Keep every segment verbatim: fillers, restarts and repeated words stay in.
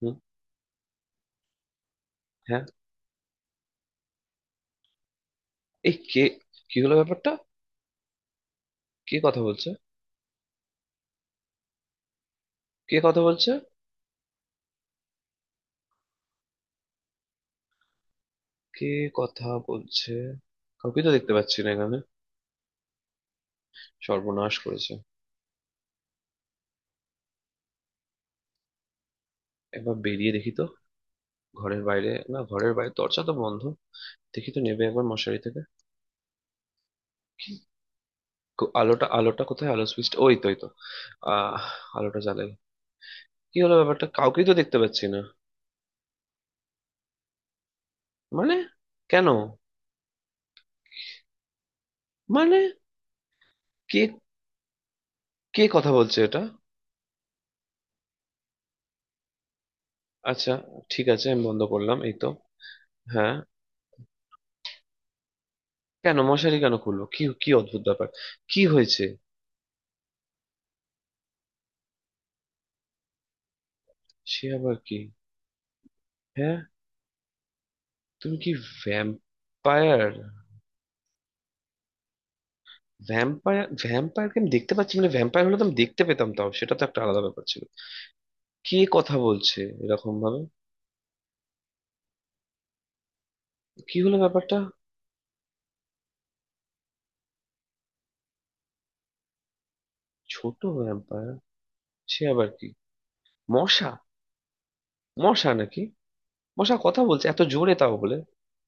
হুম, হ্যাঁ। এই কে? কি হলো ব্যাপারটা? কে কথা বলছে? কে কথা বলছে? কে কথা বলছে? কাউকে তো দেখতে পাচ্ছি না এখানে। সর্বনাশ করেছে। একবার বেরিয়ে দেখি তো। ঘরের বাইরে না, ঘরের বাইরে দরজা তো বন্ধ। দেখি তো নেবে একবার মশারি থেকে। কো- আলোটা, আলোটা কোথায় আলো সুইচটা? ওই তো, ওই তো। আহ আলোটা জ্বালাই। কি হলো ব্যাপারটা? কাউকেই তো দেখতে পাচ্ছি না। মানে? কেন? মানে কে কে কথা বলছে এটা? আচ্ছা, ঠিক আছে, আমি বন্ধ করলাম, এই তো। হ্যাঁ, কেন মশারি কেন খুলবো? কি কি অদ্ভুত ব্যাপার! কি হয়েছে? সে আবার কি? হ্যাঁ, তুমি কি ভ্যাম্পায়ার? ভ্যাম্পায়ার ভ্যাম্পায়ারকে আমি দেখতে পাচ্ছি, মানে ভ্যাম্পায়ার হলে তো আমি দেখতে পেতাম, তাও সেটা তো একটা আলাদা ব্যাপার ছিল। কে কথা বলছে এরকম ভাবে? কি হলো ব্যাপারটা? ছোট ভ্যাম্পায়ার? সে আবার কি? মশা? মশা নাকি? মশা কথা বলছে এত জোরে, তাও বলে!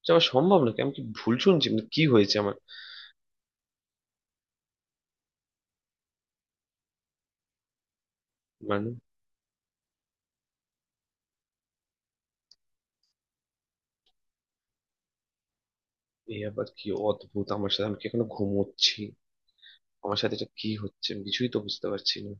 এটা আবার সম্ভব নাকি? আমি কি ভুল শুনছি? মানে কি হয়েছে আমার? মানে এই আবার কি অদ্ভুত আমার সাথে! আমি কি এখনো ঘুমোচ্ছি? আমার সাথে এটা কি হচ্ছে? আমি কিছুই তো বুঝতে পারছি না।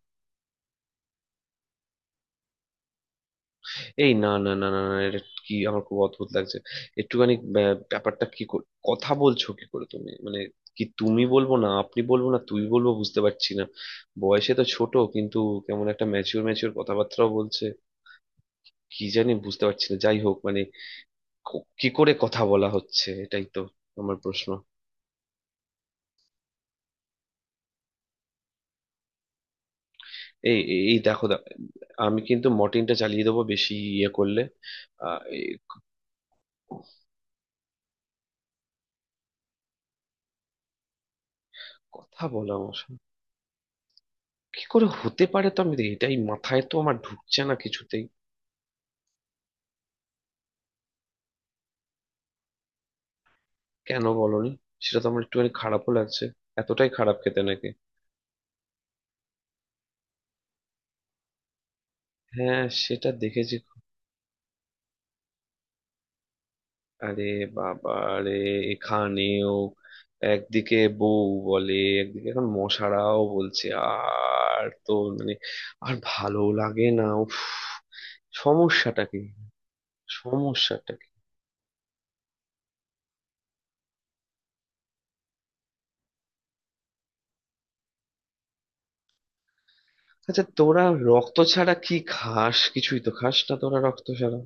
এই না না না না না, এটা কি? আমার খুব অদ্ভুত লাগছে। একটুখানি ব্যা- ব্যাপারটা কি? কর- কথা বলছো কি করে তুমি? মানে কি তুমি বলবো, না আপনি বলবো, না তুই বলবো, বুঝতে পারছি না। বয়সে তো ছোট কিন্তু কেমন একটা ম্যাচিওর ম্যাচিওর কথাবার্তাও বলছে। কি জানি, বুঝতে পারছি না, যাই হোক, মানে ক- কি করে কথা বলা হচ্ছে এটাই তো আমার প্রশ্ন। এই এই এই দেখো দা- আমি কিন্তু মর্টিনটা চালিয়ে দেবো বেশি ইয়ে করলে। আহ, এই, কথা বলা আমার সাথে। কি করে হতে পারে? তো আমি দেখি, এটাই মাথায় তো আমার ঢুকছে না কিছুতেই। কেন বলনি? সেটা তো আমার একটুখানি খারাপও লাগছে। এতটাই খারাপ খেতে নাকি? হ্যাঁ, সেটা দেখেছি। আরে বাবা রে, এখানেও! একদিকে বউ বলে, একদিকে এখন মশারাও বলছে, আর তো মানে আর ভালো লাগে না, উফ! সমস্যাটা কি? সমস্যাটা কি? আচ্ছা তোরা রক্ত ছাড়া কি খাস? কিছুই তো খাস না তোরা রক্ত ছাড়া।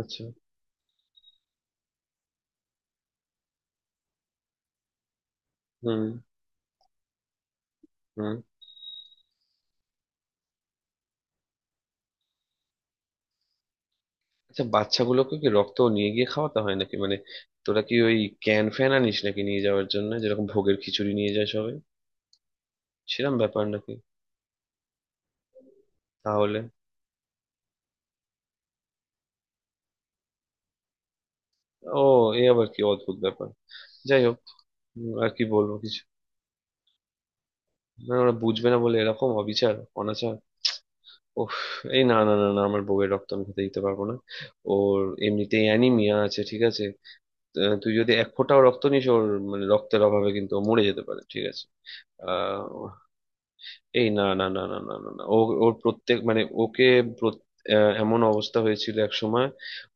আচ্ছা। হুম। হুম। আচ্ছা, বাচ্চাগুলোকে কি রক্ত নিয়ে গিয়ে খাওয়াতে হয় নাকি? মানে তোরা কি ওই ক্যান ফ্যান আনিস নাকি নিয়ে যাওয়ার জন্য, যেরকম ভোগের খিচুড়ি নিয়ে যায় সবাই সেরকম ব্যাপার নাকি? তাহলে ও, এ আবার কি অদ্ভুত ব্যাপার! যাই হোক, উম, আর কি বলবো কিছু? না ওরা বুঝবে না বলে এরকম অবিচার, অনাচার! ওহ, এই না না না না, আমার বউয়ের রক্ত আমি খেতে দিতে পারবো না। ওর এমনিতেই অ্যানিমিয়া আছে, ঠিক আছে? আহ, তুই যদি এক ফোঁটাও রক্ত নিস ওর, মানে রক্তের অভাবে কিন্তু ও মরে যেতে পারে, ঠিক আছে? আহ এই না না না না না না না, ও, ওর প্রত্যেক, মানে ওকে প্রত- আহ, এমন অবস্থা হয়েছিল এক সময়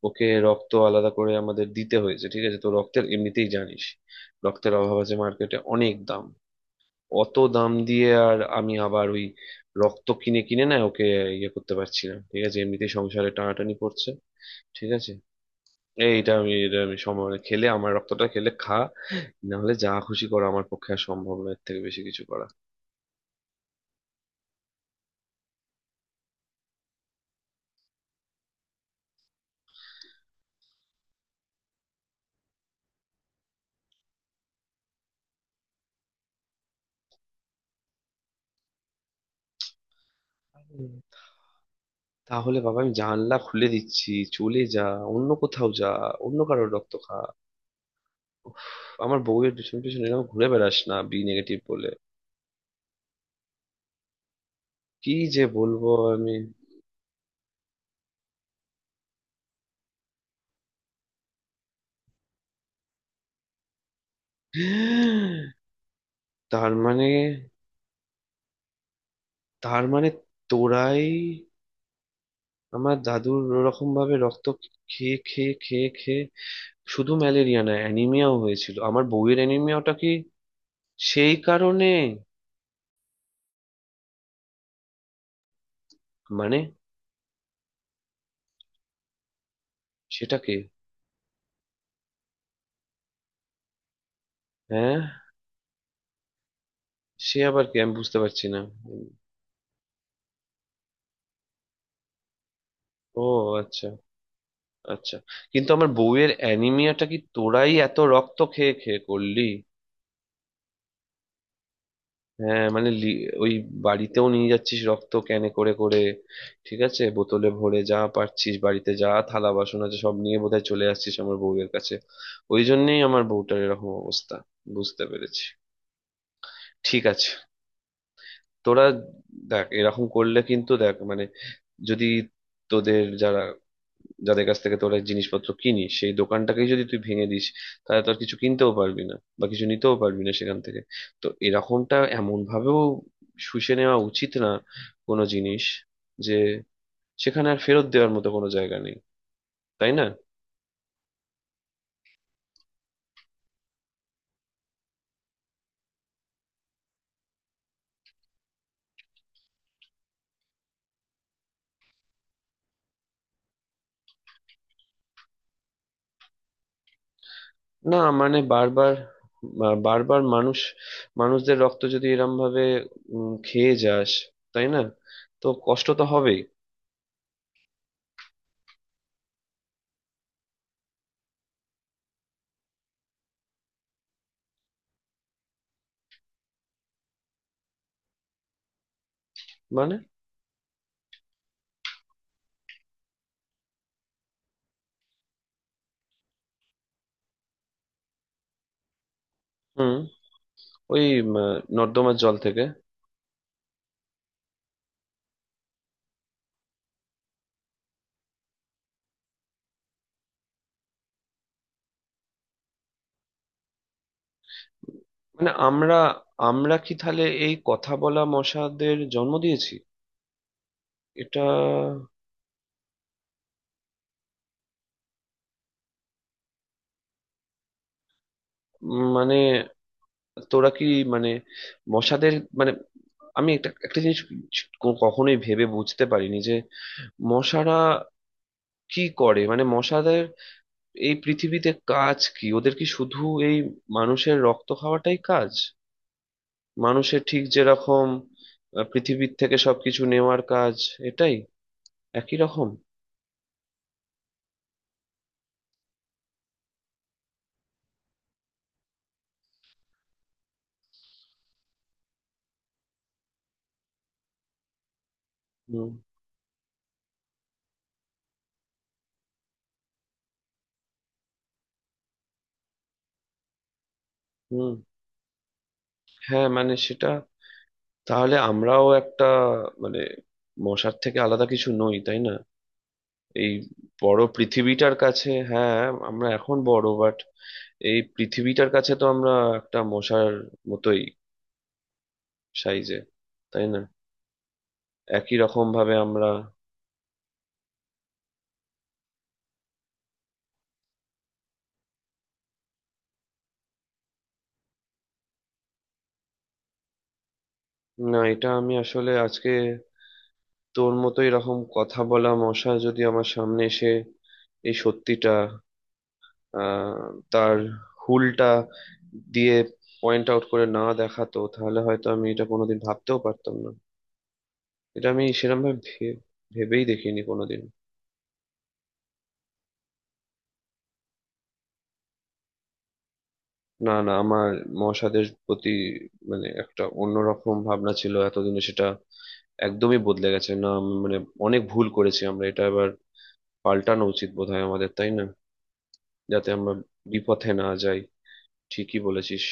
ওকে রক্ত আলাদা করে আমাদের দিতে হয়েছে, ঠিক আছে? তো রক্তের এমনিতেই জানিস রক্তের অভাব আছে, মার্কেটে অনেক দাম। অত দাম দিয়ে আর আমি আবার ওই রক্ত কিনে কিনে না ওকে ইয়ে করতে পারছি না, ঠিক আছে? এমনিতেই সংসারে টানাটানি পড়ছে, ঠিক আছে? এইটা আমি, এটা আমি সময় খেলে আমার রক্তটা খেলে খা, না হলে যা খুশি করা আমার পক্ষে আর সম্ভব নয়, এর থেকে বেশি কিছু করা। তাহলে বাবা আমি জানলা খুলে দিচ্ছি, চলে যা, অন্য কোথাও যা, অন্য কারোর রক্ত খা, উফ, আমার বউয়ের পিছনে পিছনে এরকম ঘুরে বেড়াস না বি নেগেটিভ বলে। কি যে বলবো আমি! তার মানে, তার মানে তোরাই আমার দাদুর ওরকম ভাবে রক্ত খেয়ে খেয়ে খেয়ে খেয়ে শুধু ম্যালেরিয়া না অ্যানিমিয়াও হয়েছিল। আমার বউয়ের অ্যানিমিয়াটা কি সেই কারণে? মানে সেটাকে, হ্যাঁ, সে আবার কি? আমি বুঝতে পারছি না। ও আচ্ছা। আচ্ছা। কিন্তু আমার বউয়ের অ্যানিমিয়াটা কি তোরাই এত রক্ত খেয়ে খেয়ে করলি? হ্যাঁ, মানে লি- ওই বাড়িতেও নিয়ে যাচ্ছিস রক্ত ক্যানে করে করে, ঠিক আছে, বোতলে ভরে, যা পারছিস বাড়িতে, যা থালা বাসন আছে সব নিয়ে বোধহয় চলে আসছিস আমার বউয়ের কাছে। ওই জন্যেই আমার বউটার এরকম অবস্থা, বুঝতে পেরেছি। ঠিক আছে তোরা, দেখ এরকম করলে কিন্তু দেখ, মানে যদি তোদের যারা, যাদের কাছ থেকে তোরা জিনিসপত্র কিনিস সেই দোকানটাকেই যদি তুই ভেঙে দিস, তাহলে তো আর কিছু কিনতেও পারবি না বা কিছু নিতেও পারবি না সেখান থেকে। তো এরকমটা এমন ভাবেও শুষে নেওয়া উচিত না কোনো জিনিস, যে সেখানে আর ফেরত দেওয়ার মতো কোনো জায়গা নেই, তাই না? না মানে বারবার, বা- বারবার মানুষ, মানুষদের রক্ত যদি এরম ভাবে উম, খেয়ে যাস, তাই না, তো কষ্ট তো হবেই। মানে হুম ওই উম, নর্দমার জল থেকে? মানে আমরা আমরা কি তাহলে এই কথা বলা মশাদের জন্ম দিয়েছি? এটা উম, মানে তোরা কি, মানে মশাদের, মানে আমি একটা, একটা জিনিস ক- কখনোই ভেবে বুঝতে পারিনি যে মশারা কি করে, মানে মশাদের এই পৃথিবীতে কাজ কি, ওদের কি শুধু এই মানুষের রক্ত খাওয়াটাই কাজ? মানুষের ঠিক যেরকম আহ, পৃথিবীর থেকে সবকিছু নেওয়ার কাজ এটাই, একই রকম। হুম। হুম হ্যাঁ মানে সেটা, তাহলে আমরাও একটা, মানে মশার থেকে আলাদা কিছু নই, তাই না? এই বড় পৃথিবীটার কাছে, হ্যাঁ, আমরা এখন বড় বাট এই পৃথিবীটার কাছে তো আমরা একটা মশার মতোই সাইজে, তাই না? একই রকম ভাবে আমরা। না, এটা আমি আসলে আজকে তোর মতো এরকম কথা বলা মশা যদি আমার সামনে এসে এই সত্যিটা আহ, তার হুলটা দিয়ে পয়েন্ট আউট করে না দেখাতো, তাহলে হয়তো আমি এটা কোনোদিন ভাবতেও পারতাম না। এটা আমি সেরকম ভাবে ভে- ভেবেই দেখিনি কোনোদিন। না না, আমার মহাসাদের প্রতি, মানে একটা অন্যরকম ভাবনা ছিল, এতদিনে সেটা একদমই বদলে গেছে। না আমি মানে অনেক ভুল করেছি আমরা, এটা এবার পাল্টানো উচিত বোধহয় আমাদের, তাই না? যাতে আমরা বিপথে না যাই। ঠিকই বলেছিস।